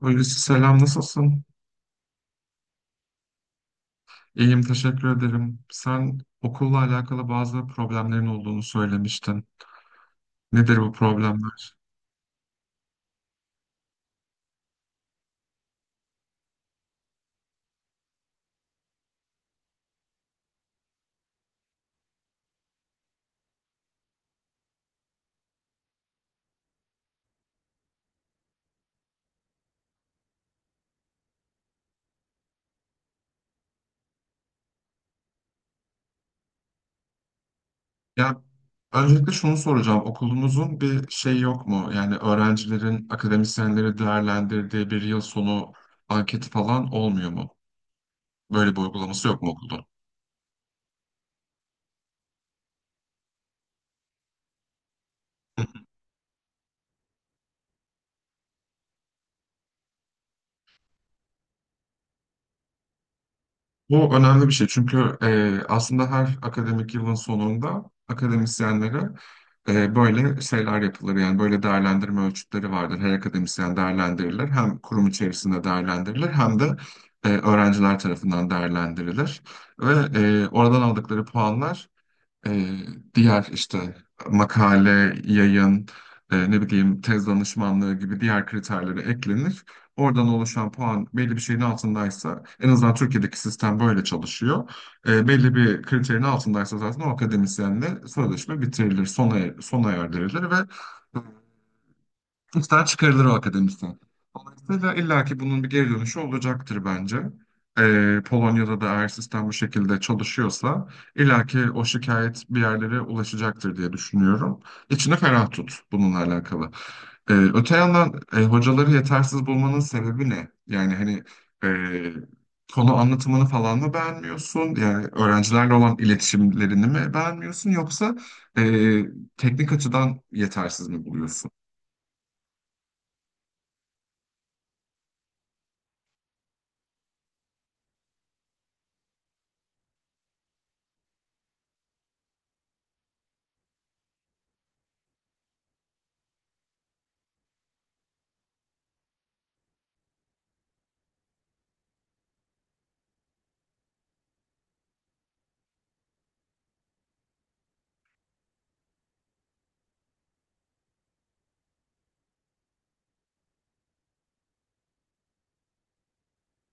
Hulusi selam nasılsın? İyiyim teşekkür ederim. Sen okulla alakalı bazı problemlerin olduğunu söylemiştin. Nedir bu problemler? Ya öncelikle şunu soracağım. Okulunuzun bir şey yok mu? Yani öğrencilerin akademisyenleri değerlendirdiği bir yıl sonu anketi falan olmuyor mu? Böyle bir uygulaması yok mu okulda? Bu önemli bir şey çünkü aslında her akademik yılın sonunda akademisyenlere böyle şeyler yapılır. Yani böyle değerlendirme ölçütleri vardır. Her akademisyen değerlendirilir. Hem kurum içerisinde değerlendirilir hem de öğrenciler tarafından değerlendirilir. Ve oradan aldıkları puanlar e, diğer işte makale, yayın, ne bileyim tez danışmanlığı gibi diğer kriterlere eklenir. Oradan oluşan puan belli bir şeyin altındaysa, en azından Türkiye'deki sistem böyle çalışıyor. Belli bir kriterin altındaysa zaten o akademisyenle sözleşme bitirilir, sona erdirilir ve İşten çıkarılır o akademisyen. Dolayısıyla illaki bunun bir geri dönüşü olacaktır bence. Polonya'da da eğer sistem bu şekilde çalışıyorsa illaki o şikayet bir yerlere ulaşacaktır diye düşünüyorum. İçini ferah tut bununla alakalı. Öte yandan hocaları yetersiz bulmanın sebebi ne? Yani hani e, konu anlatımını falan mı beğenmiyorsun? Yani öğrencilerle olan iletişimlerini mi beğenmiyorsun? Yoksa e, teknik açıdan yetersiz mi buluyorsun?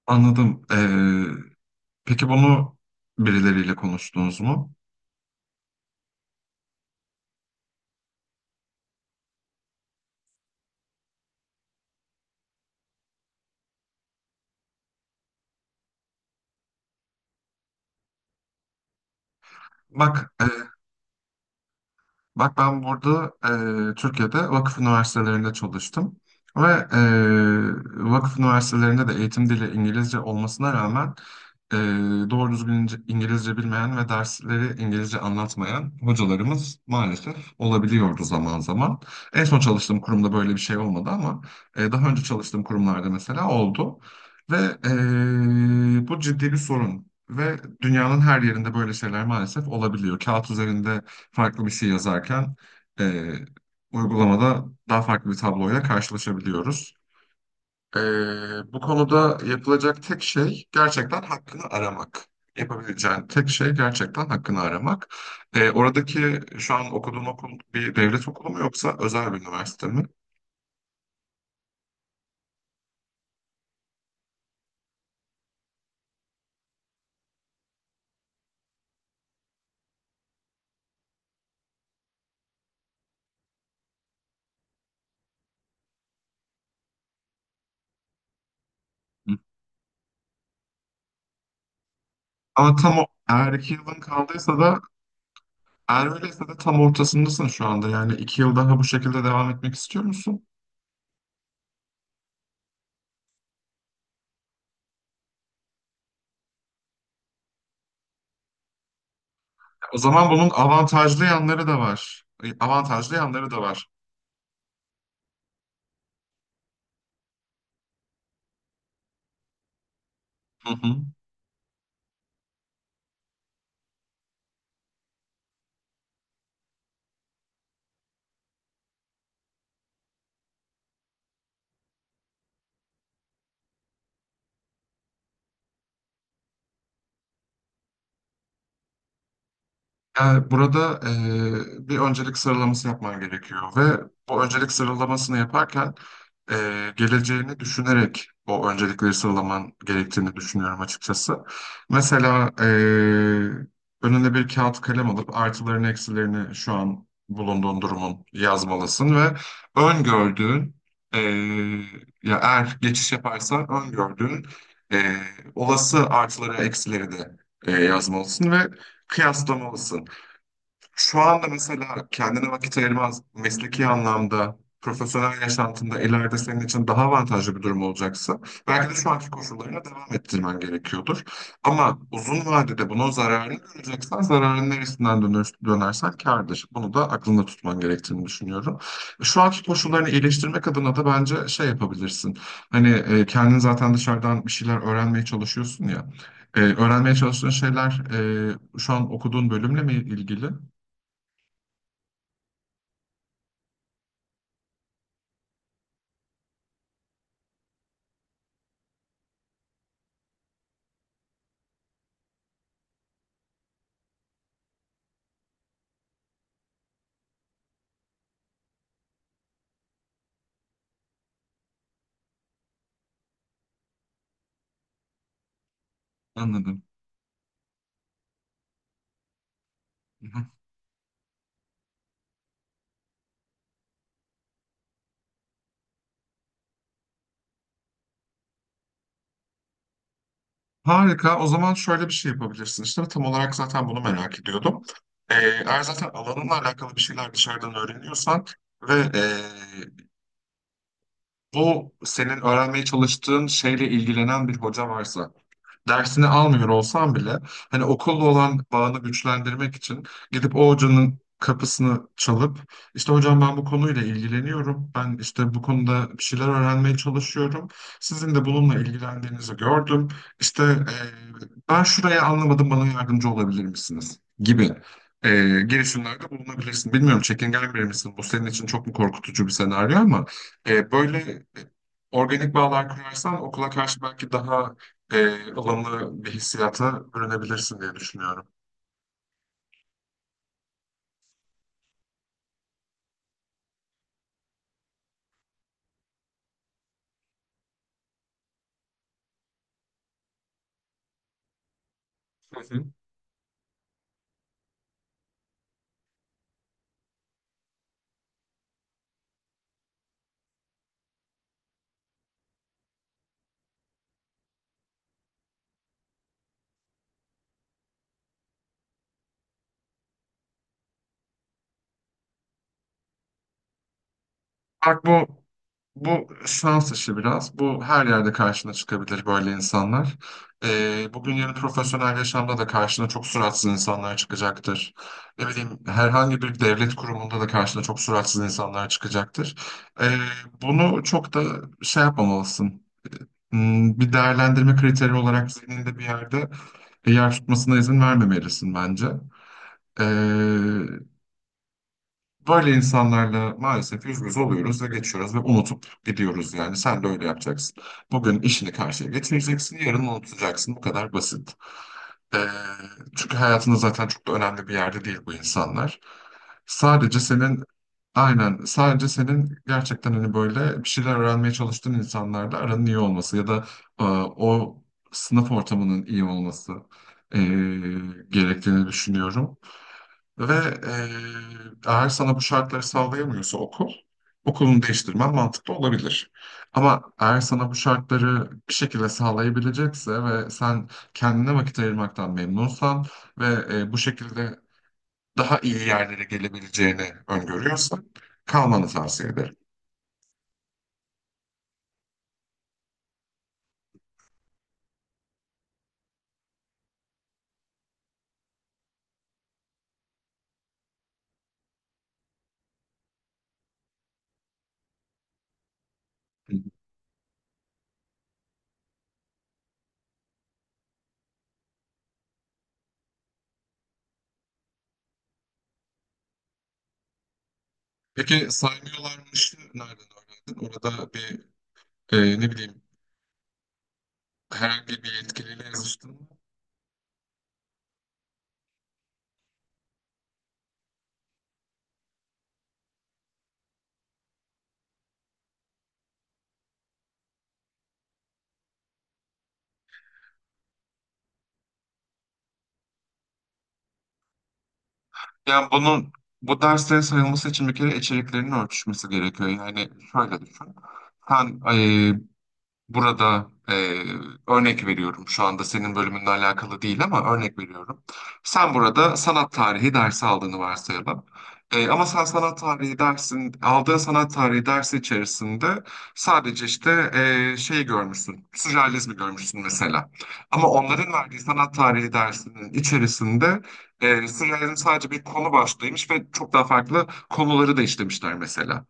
Anladım. Peki bunu birileriyle konuştunuz mu? Bak, e, Bak ben burada Türkiye'de vakıf üniversitelerinde çalıştım ve vakıf üniversitelerinde de eğitim dili İngilizce olmasına rağmen e, doğru düzgün İngilizce bilmeyen ve dersleri İngilizce anlatmayan hocalarımız maalesef olabiliyordu zaman zaman. En son çalıştığım kurumda böyle bir şey olmadı ama daha önce çalıştığım kurumlarda mesela oldu ve bu ciddi bir sorun. Ve dünyanın her yerinde böyle şeyler maalesef olabiliyor. Kağıt üzerinde farklı bir şey yazarken e, uygulamada daha farklı bir tabloyla karşılaşabiliyoruz. E, Bu konuda yapılacak tek şey gerçekten hakkını aramak. Yapabileceğin tek şey gerçekten hakkını aramak. Oradaki şu an okuduğun okul bir devlet okulu mu yoksa özel bir üniversite mi? Hı. Ama tam o, eğer iki yılın kaldıysa da eğer öyleyse de tam ortasındasın şu anda. Yani iki yıl daha bu şekilde devam etmek istiyor musun? O zaman bunun avantajlı yanları da var. Avantajlı yanları da var. Hı hı. Yani burada bir öncelik sıralaması yapman gerekiyor ve bu öncelik sıralamasını yaparken geleceğini düşünerek o öncelikleri sıralaman gerektiğini düşünüyorum açıkçası. Mesela önüne bir kağıt kalem alıp artılarını eksilerini şu an bulunduğun durumun yazmalısın ve öngördüğün eee ya eğer geçiş yaparsan öngördüğün eee, olası artıları eksileri de yazmalısın ve kıyaslamalısın. Şu anda mesela kendine vakit ayırmaz mesleki anlamda, profesyonel yaşantında ileride senin için daha avantajlı bir durum olacaksa belki de şu anki koşullarına devam ettirmen gerekiyordur. Ama uzun vadede bunun zararını göreceksen zararın neresinden dönersen kârdır. Bunu da aklında tutman gerektiğini düşünüyorum. Şu anki koşullarını iyileştirmek adına da bence şey yapabilirsin. Hani kendin zaten dışarıdan bir şeyler öğrenmeye çalışıyorsun ya. Öğrenmeye çalıştığın şeyler şu an okuduğun bölümle mi ilgili? Anladım. Hı hı. Harika. O zaman şöyle bir şey yapabilirsin. İşte tam olarak zaten bunu merak ediyordum. Eğer zaten alanınla alakalı bir şeyler dışarıdan öğreniyorsan ve bu senin öğrenmeye çalıştığın şeyle ilgilenen bir hoca varsa dersini almıyor olsam bile hani okulla olan bağını güçlendirmek için gidip o hocanın kapısını çalıp işte hocam ben bu konuyla ilgileniyorum. Ben işte bu konuda bir şeyler öğrenmeye çalışıyorum. Sizin de bununla ilgilendiğinizi gördüm. İşte ben şuraya anlamadım, bana yardımcı olabilir misiniz gibi e, girişimlerde bulunabilirsin. Bilmiyorum, çekingen biri misin? Bu senin için çok mu korkutucu bir senaryo, ama böyle organik bağlar kurarsan okula karşı belki daha ılımlı bir hissiyata bürünebilirsin diye düşünüyorum. Hı hı. Bak, bu şans işi biraz. Bu her yerde karşına çıkabilir böyle insanlar. Bugün yarın profesyonel yaşamda da karşına çok suratsız insanlar çıkacaktır. Ne bileyim herhangi bir devlet kurumunda da karşına çok suratsız insanlar çıkacaktır. E, Bunu çok da şey yapmamalısın. Bir değerlendirme kriteri olarak zihninde bir yerde yer tutmasına izin vermemelisin bence. Ee, Böyle insanlarla maalesef yüz yüze oluyoruz ve geçiyoruz ve unutup gidiyoruz yani. Sen de öyle yapacaksın. Bugün işini karşıya getireceksin, yarın unutacaksın. Bu kadar basit. Ee, Çünkü hayatında zaten çok da önemli bir yerde değil bu insanlar. Sadece senin, aynen sadece senin gerçekten hani böyle bir şeyler öğrenmeye çalıştığın insanlarla aranın iyi olması ya da o sınıf ortamının iyi olması e, gerektiğini düşünüyorum. Ve eğer sana bu şartları sağlayamıyorsa okul, okulunu değiştirmen mantıklı olabilir. Ama eğer sana bu şartları bir şekilde sağlayabilecekse ve sen kendine vakit ayırmaktan memnunsan ve bu şekilde daha iyi yerlere gelebileceğini öngörüyorsan kalmanı tavsiye ederim. Peki saymıyorlarmışı nereden öğrendin? Orada bir ne bileyim herhangi bir yetkiliyle yazıştın mı? Yani bunun bu derslere sayılması için bir kere içeriklerinin örtüşmesi gerekiyor. Yani şöyle düşün. Sen burada örnek veriyorum, şu anda senin bölümünle alakalı değil ama örnek veriyorum. Sen burada sanat tarihi dersi aldığını varsayalım. Ama sen sanat tarihi dersin, aldığın sanat tarihi dersi içerisinde sadece işte şey görmüşsün, sürrealizmi görmüşsün mesela. Ama onların verdiği sanat tarihi dersinin içerisinde sürrealizm sadece bir konu başlığıymış ve çok daha farklı konuları da işlemişler mesela.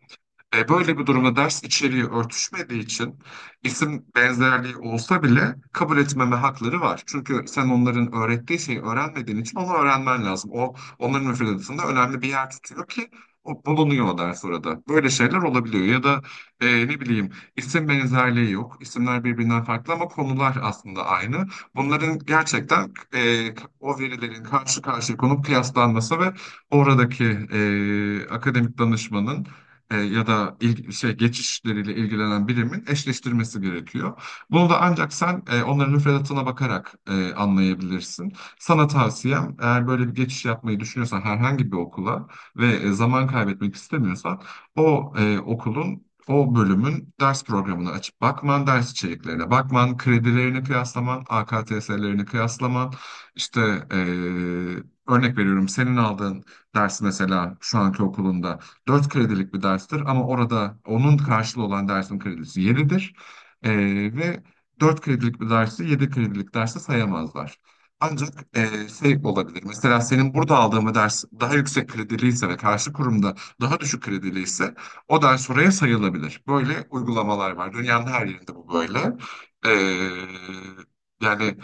Böyle bir durumda ders içeriği örtüşmediği için isim benzerliği olsa bile kabul etmeme hakları var. Çünkü sen onların öğrettiği şeyi öğrenmediğin için onu öğrenmen lazım. O onların müfredatında önemli bir yer tutuyor ki o bulunuyor o ders orada. Böyle şeyler olabiliyor ya da ne bileyim isim benzerliği yok. İsimler birbirinden farklı ama konular aslında aynı. Bunların gerçekten o verilerin karşı karşıya konup kıyaslanması ve oradaki akademik danışmanın ya da geçişleriyle ilgilenen birimin eşleştirmesi gerekiyor. Bunu da ancak sen onların müfredatına bakarak anlayabilirsin. Sana tavsiyem, eğer böyle bir geçiş yapmayı düşünüyorsan herhangi bir okula ve zaman kaybetmek istemiyorsan o e, okulun o bölümün ders programını açıp bakman, ders içeriklerine bakman, kredilerini kıyaslaman, AKTS'lerini kıyaslaman, işte e, örnek veriyorum, senin aldığın ders mesela şu anki okulunda 4 kredilik bir derstir ama orada onun karşılığı olan dersin kredisi 7'dir. E, ve 4 kredilik bir dersi 7 kredilik derse sayamazlar. Ancak şey olabilir. Mesela senin burada aldığın bir ders daha yüksek krediliyse ve karşı kurumda daha düşük krediliyse o ders oraya sayılabilir. Böyle uygulamalar var. Dünyanın her yerinde bu böyle. E, yani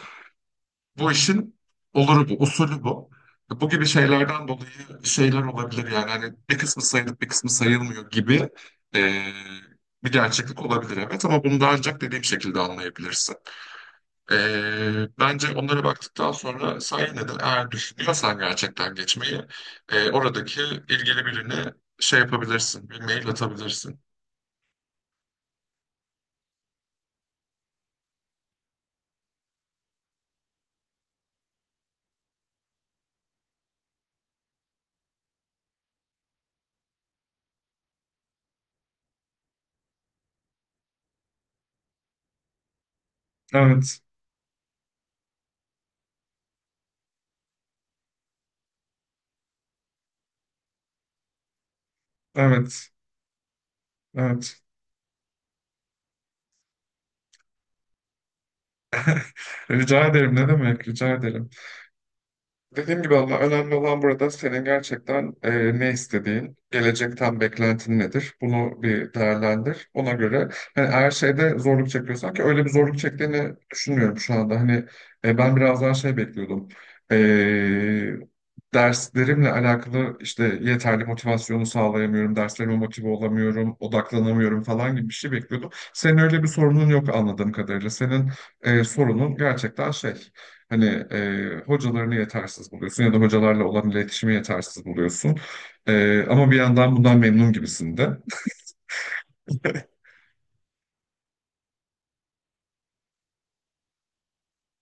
bu işin oluru bu, usulü bu. Bu gibi şeylerden dolayı şeyler olabilir yani hani bir kısmı sayılıp bir kısmı sayılmıyor gibi e, bir gerçeklik olabilir evet, ama bunu da ancak dediğim şekilde anlayabilirsin. E, Bence onlara baktıktan sonra sen yine de eğer düşünüyorsan gerçekten geçmeyi oradaki ilgili birine şey yapabilirsin, bir mail atabilirsin. Evet, evet, evet. Rica ederim ne demek, rica ederim. Dediğim gibi Allah, önemli olan burada senin gerçekten ne istediğin, gelecekten beklentin nedir. Bunu bir değerlendir. Ona göre hani her şeyde zorluk çekiyorsan, ki öyle bir zorluk çektiğini düşünmüyorum şu anda. Hani ben biraz daha şey bekliyordum. E, Derslerimle alakalı işte yeterli motivasyonu sağlayamıyorum, derslerime motive olamıyorum, odaklanamıyorum falan gibi bir şey bekliyordum. Senin öyle bir sorunun yok anladığım kadarıyla. Senin sorunun gerçekten şey. Hani hocalarını yetersiz buluyorsun ya da hocalarla olan iletişimi yetersiz buluyorsun. Ama bir yandan bundan memnun gibisin de.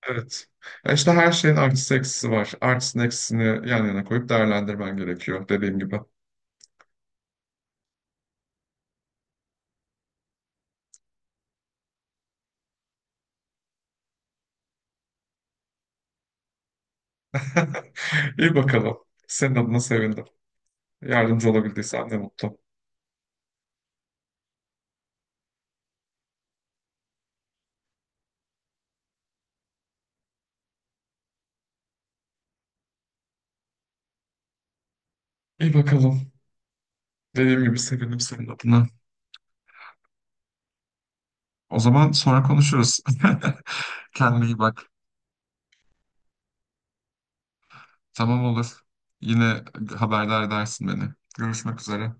Evet. Ya işte her şeyin artısı eksisi var. Artısını eksisini yan yana koyup değerlendirmen gerekiyor dediğim gibi. İyi bakalım. Senin adına sevindim. Yardımcı olabildiysem ne mutlu. İyi bakalım. Dediğim gibi sevindim senin adına. O zaman sonra konuşuruz. Kendine iyi bak. Tamam olur. Yine haberdar edersin beni. Görüşmek üzere.